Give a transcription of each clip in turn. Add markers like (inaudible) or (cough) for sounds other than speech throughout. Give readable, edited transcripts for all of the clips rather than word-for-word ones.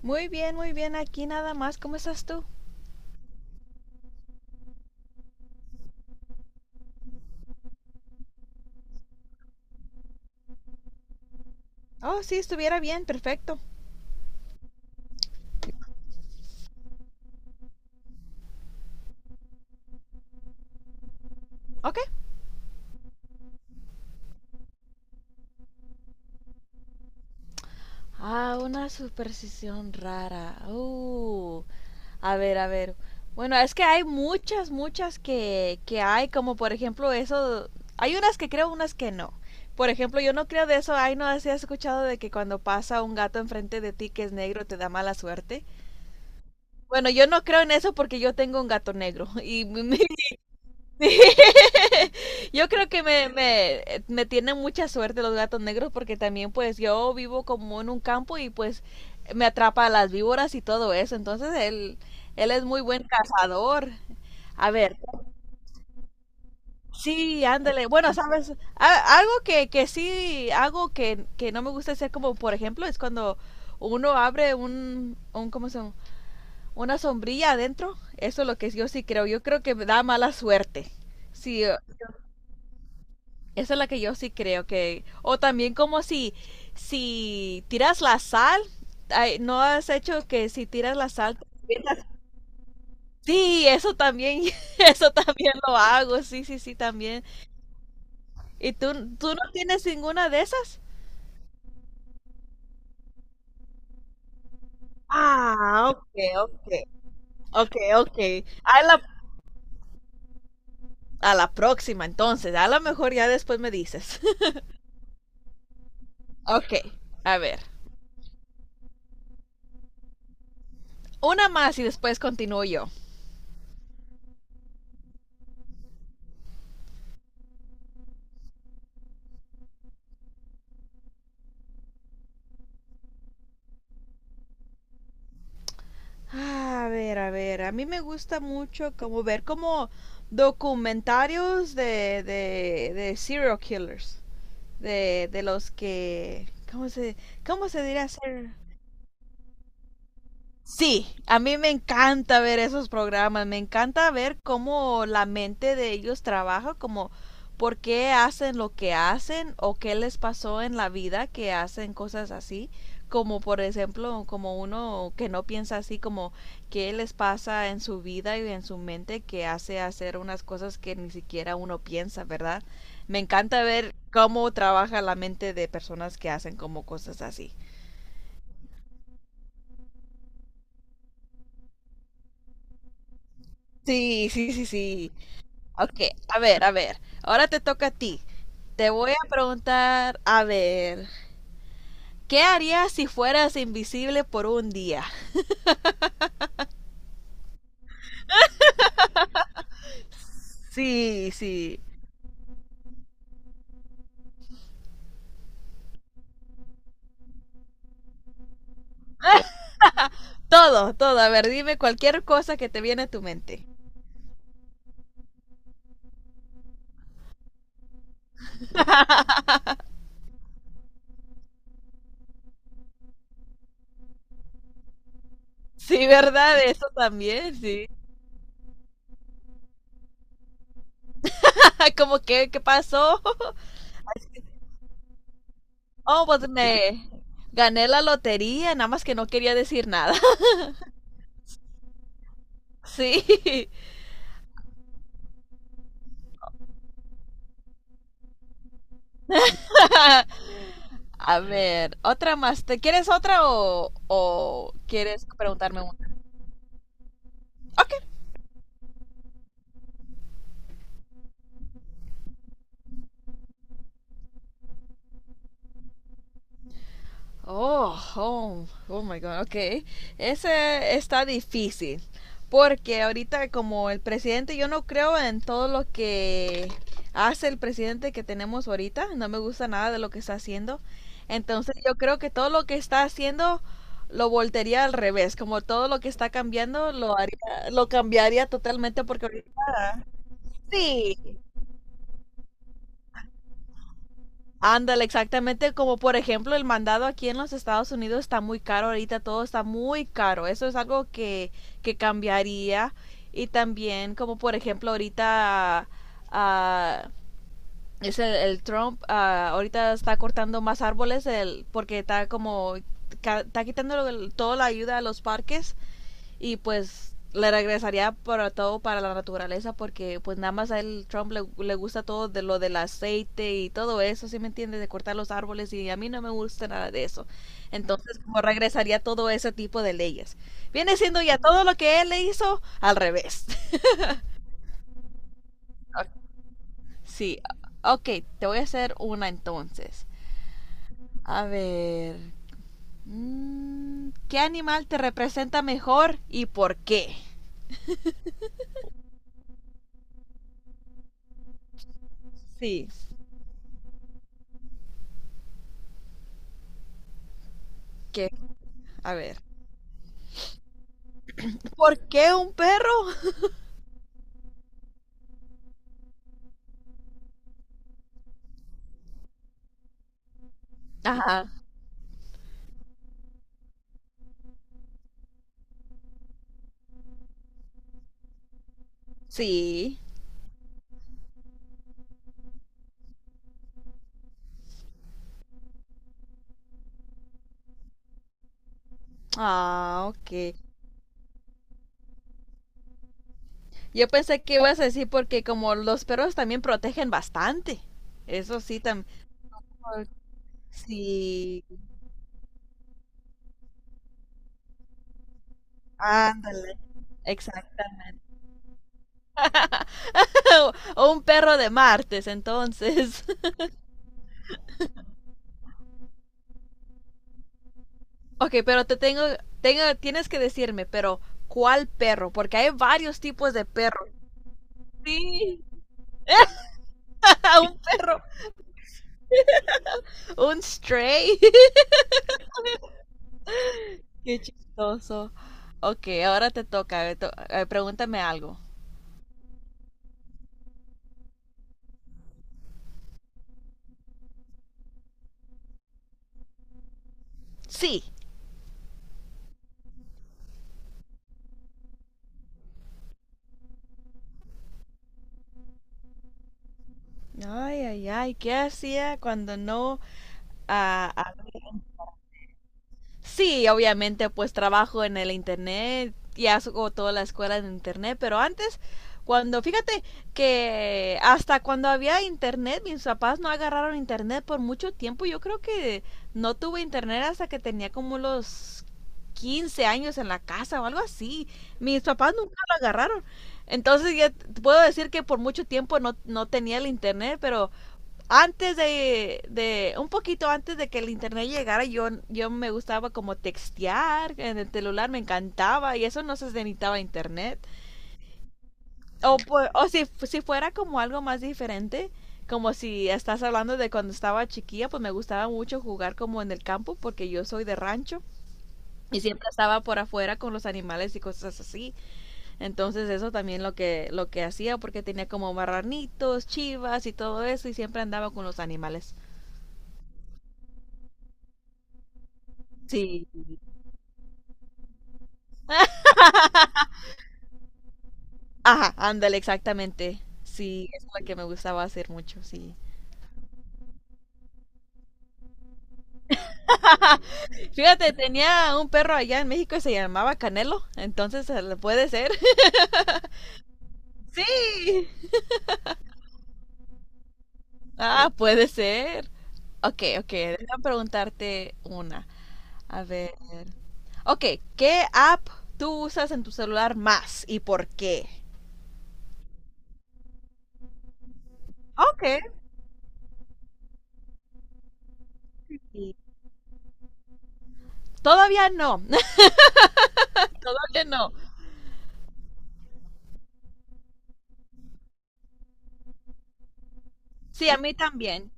Muy bien, muy bien. Aquí nada más. ¿Cómo estás tú? Oh, sí, estuviera bien. Perfecto. Ok. Ah, una superstición rara. A ver, a ver. Bueno, es que hay muchas, muchas que hay, como por ejemplo eso. Hay unas que creo, unas que no. Por ejemplo, yo no creo de eso. Ay, no, si has escuchado de que cuando pasa un gato enfrente de ti que es negro te da mala suerte. Bueno, yo no creo en eso porque yo tengo un gato negro y (laughs) mi- yo creo que me tienen mucha suerte los gatos negros porque también pues yo vivo como en un campo y pues me atrapa a las víboras y todo eso. Entonces él es muy buen cazador. A ver, sí, ándale. Bueno, sabes, algo que sí hago que no me gusta hacer, como por ejemplo, es cuando uno abre un, un. ¿Cómo se llama? Una sombrilla adentro. Eso es lo que yo sí creo. Yo creo que me da mala suerte. Sí, esa es la que yo sí creo que... O también como si tiras la sal, ay, ¿no has hecho que si tiras la sal te avientas? Sí, eso también, (laughs) eso también lo hago, sí, sí, sí, también. ¿Y tú no tienes ninguna de esas? Ah, ok, ok, ok, ok. A la próxima, entonces, a lo mejor ya después me dices. (laughs) Ok, a ver, una más y después continúo yo. A ver, a ver, a mí me gusta mucho como ver como documentarios de serial killers, de los que, ¿cómo se diría ser? Sí, a mí me encanta ver esos programas, me encanta ver cómo la mente de ellos trabaja, como por qué hacen lo que hacen o qué les pasó en la vida que hacen cosas así, como por ejemplo, como uno que no piensa así, como qué les pasa en su vida y en su mente que hace hacer unas cosas que ni siquiera uno piensa, ¿verdad? Me encanta ver cómo trabaja la mente de personas que hacen como cosas así. Sí, sí, sí, sí. Ok, a ver, a ver. Ahora te toca a ti. Te voy a preguntar, a ver, ¿qué harías si fueras invisible por un día? Sí, sí. Todo, todo. A ver, dime cualquier cosa que te viene a tu mente. Sí, ¿verdad? Eso también, sí. (laughs) ¿Cómo que qué pasó? Oh, pues me gané la lotería, nada más que no quería decir nada. (laughs) Sí. (laughs) A ver, otra más. ¿Te quieres otra o quieres preguntarme una? Ok. Oh, home. Oh my God. Ok. Ese está difícil. Porque ahorita, como el presidente, yo no creo en todo lo que hace el presidente que tenemos ahorita. No me gusta nada de lo que está haciendo. Entonces yo creo que todo lo que está haciendo lo voltearía al revés. Como todo lo que está cambiando lo haría, lo cambiaría totalmente porque ahorita sí. Ándale, exactamente, como por ejemplo el mandado aquí en los Estados Unidos está muy caro ahorita, todo está muy caro. Eso es algo que cambiaría. Y también, como por ejemplo, ahorita ah, es el Trump, ahorita está cortando más árboles porque está como está quitando toda la ayuda a los parques, y pues le regresaría para todo, para la naturaleza, porque pues nada más a él Trump le gusta todo de lo del aceite y todo eso, ¿sí me entiendes? De cortar los árboles, y a mí no me gusta nada de eso. Entonces como regresaría todo ese tipo de leyes. Viene siendo ya todo lo que él le hizo al revés. (laughs) Sí, ok, te voy a hacer una entonces. A ver, ¿qué animal te representa mejor y por qué? Sí, que, a ver, ¿por qué un perro? Ajá, sí. Ah, ok. Yo pensé que ibas a decir porque como los perros también protegen bastante. Eso sí, también. Sí, ándale. Exacto. (laughs) O un perro de martes, entonces. (laughs) Ok, pero tienes que decirme, pero ¿cuál perro? Porque hay varios tipos de perros. Sí, (laughs) un perro, un stray. (laughs) Qué chistoso. Ok, ahora te toca. Pregúntame algo. Sí. Ay, ay, ay, ¿qué hacía cuando no? ah, ah, sí, obviamente, pues trabajo en el internet y hago toda la escuela en internet, pero antes, cuando, fíjate que hasta cuando había internet, mis papás no agarraron internet por mucho tiempo. Yo creo que no tuve internet hasta que tenía como los 15 años en la casa o algo así. Mis papás nunca lo agarraron. Entonces ya puedo decir que por mucho tiempo no tenía el internet, pero un poquito antes de que el internet llegara, yo me gustaba como textear en el celular, me encantaba, y eso no se necesitaba internet. O si fuera como algo más diferente, como si estás hablando de cuando estaba chiquilla, pues me gustaba mucho jugar como en el campo porque yo soy de rancho y siempre estaba por afuera con los animales y cosas así. Entonces eso también lo que, hacía, porque tenía como marranitos, chivas y todo eso, y siempre andaba con los animales. Sí. Ajá, ándale, exactamente. Sí, es la que me gustaba hacer mucho, sí. (laughs) Fíjate, tenía un perro allá en México y se llamaba Canelo, entonces puede ser. (laughs) Sí. Ah, puede ser. Ok, ok, déjame preguntarte una. A ver. Ok, ¿qué app tú usas en tu celular más y por qué? Ok. Y- Todavía no, (laughs) todavía no. Sí, a mí también.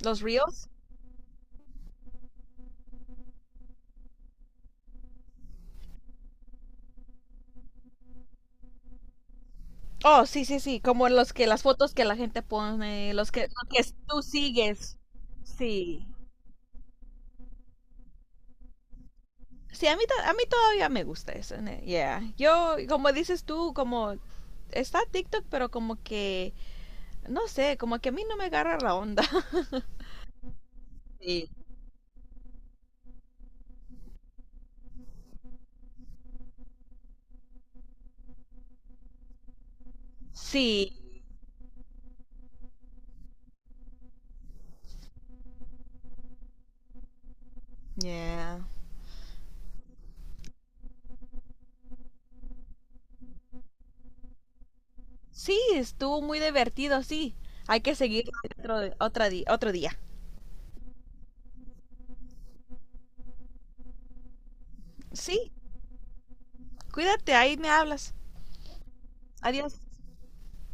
¿Los Reels? Oh, sí, sí, sí, como los que las fotos que la gente pone, los que, tú sigues. Sí. Sí, a mí todavía me gusta eso. Yeah. Yo, como dices tú, como está TikTok, pero como que, no sé, como que a mí no me agarra la onda. (laughs) Sí. Sí. Yeah. Sí, estuvo muy divertido, sí. Hay que seguir otro día. Sí, cuídate, ahí me hablas. Adiós.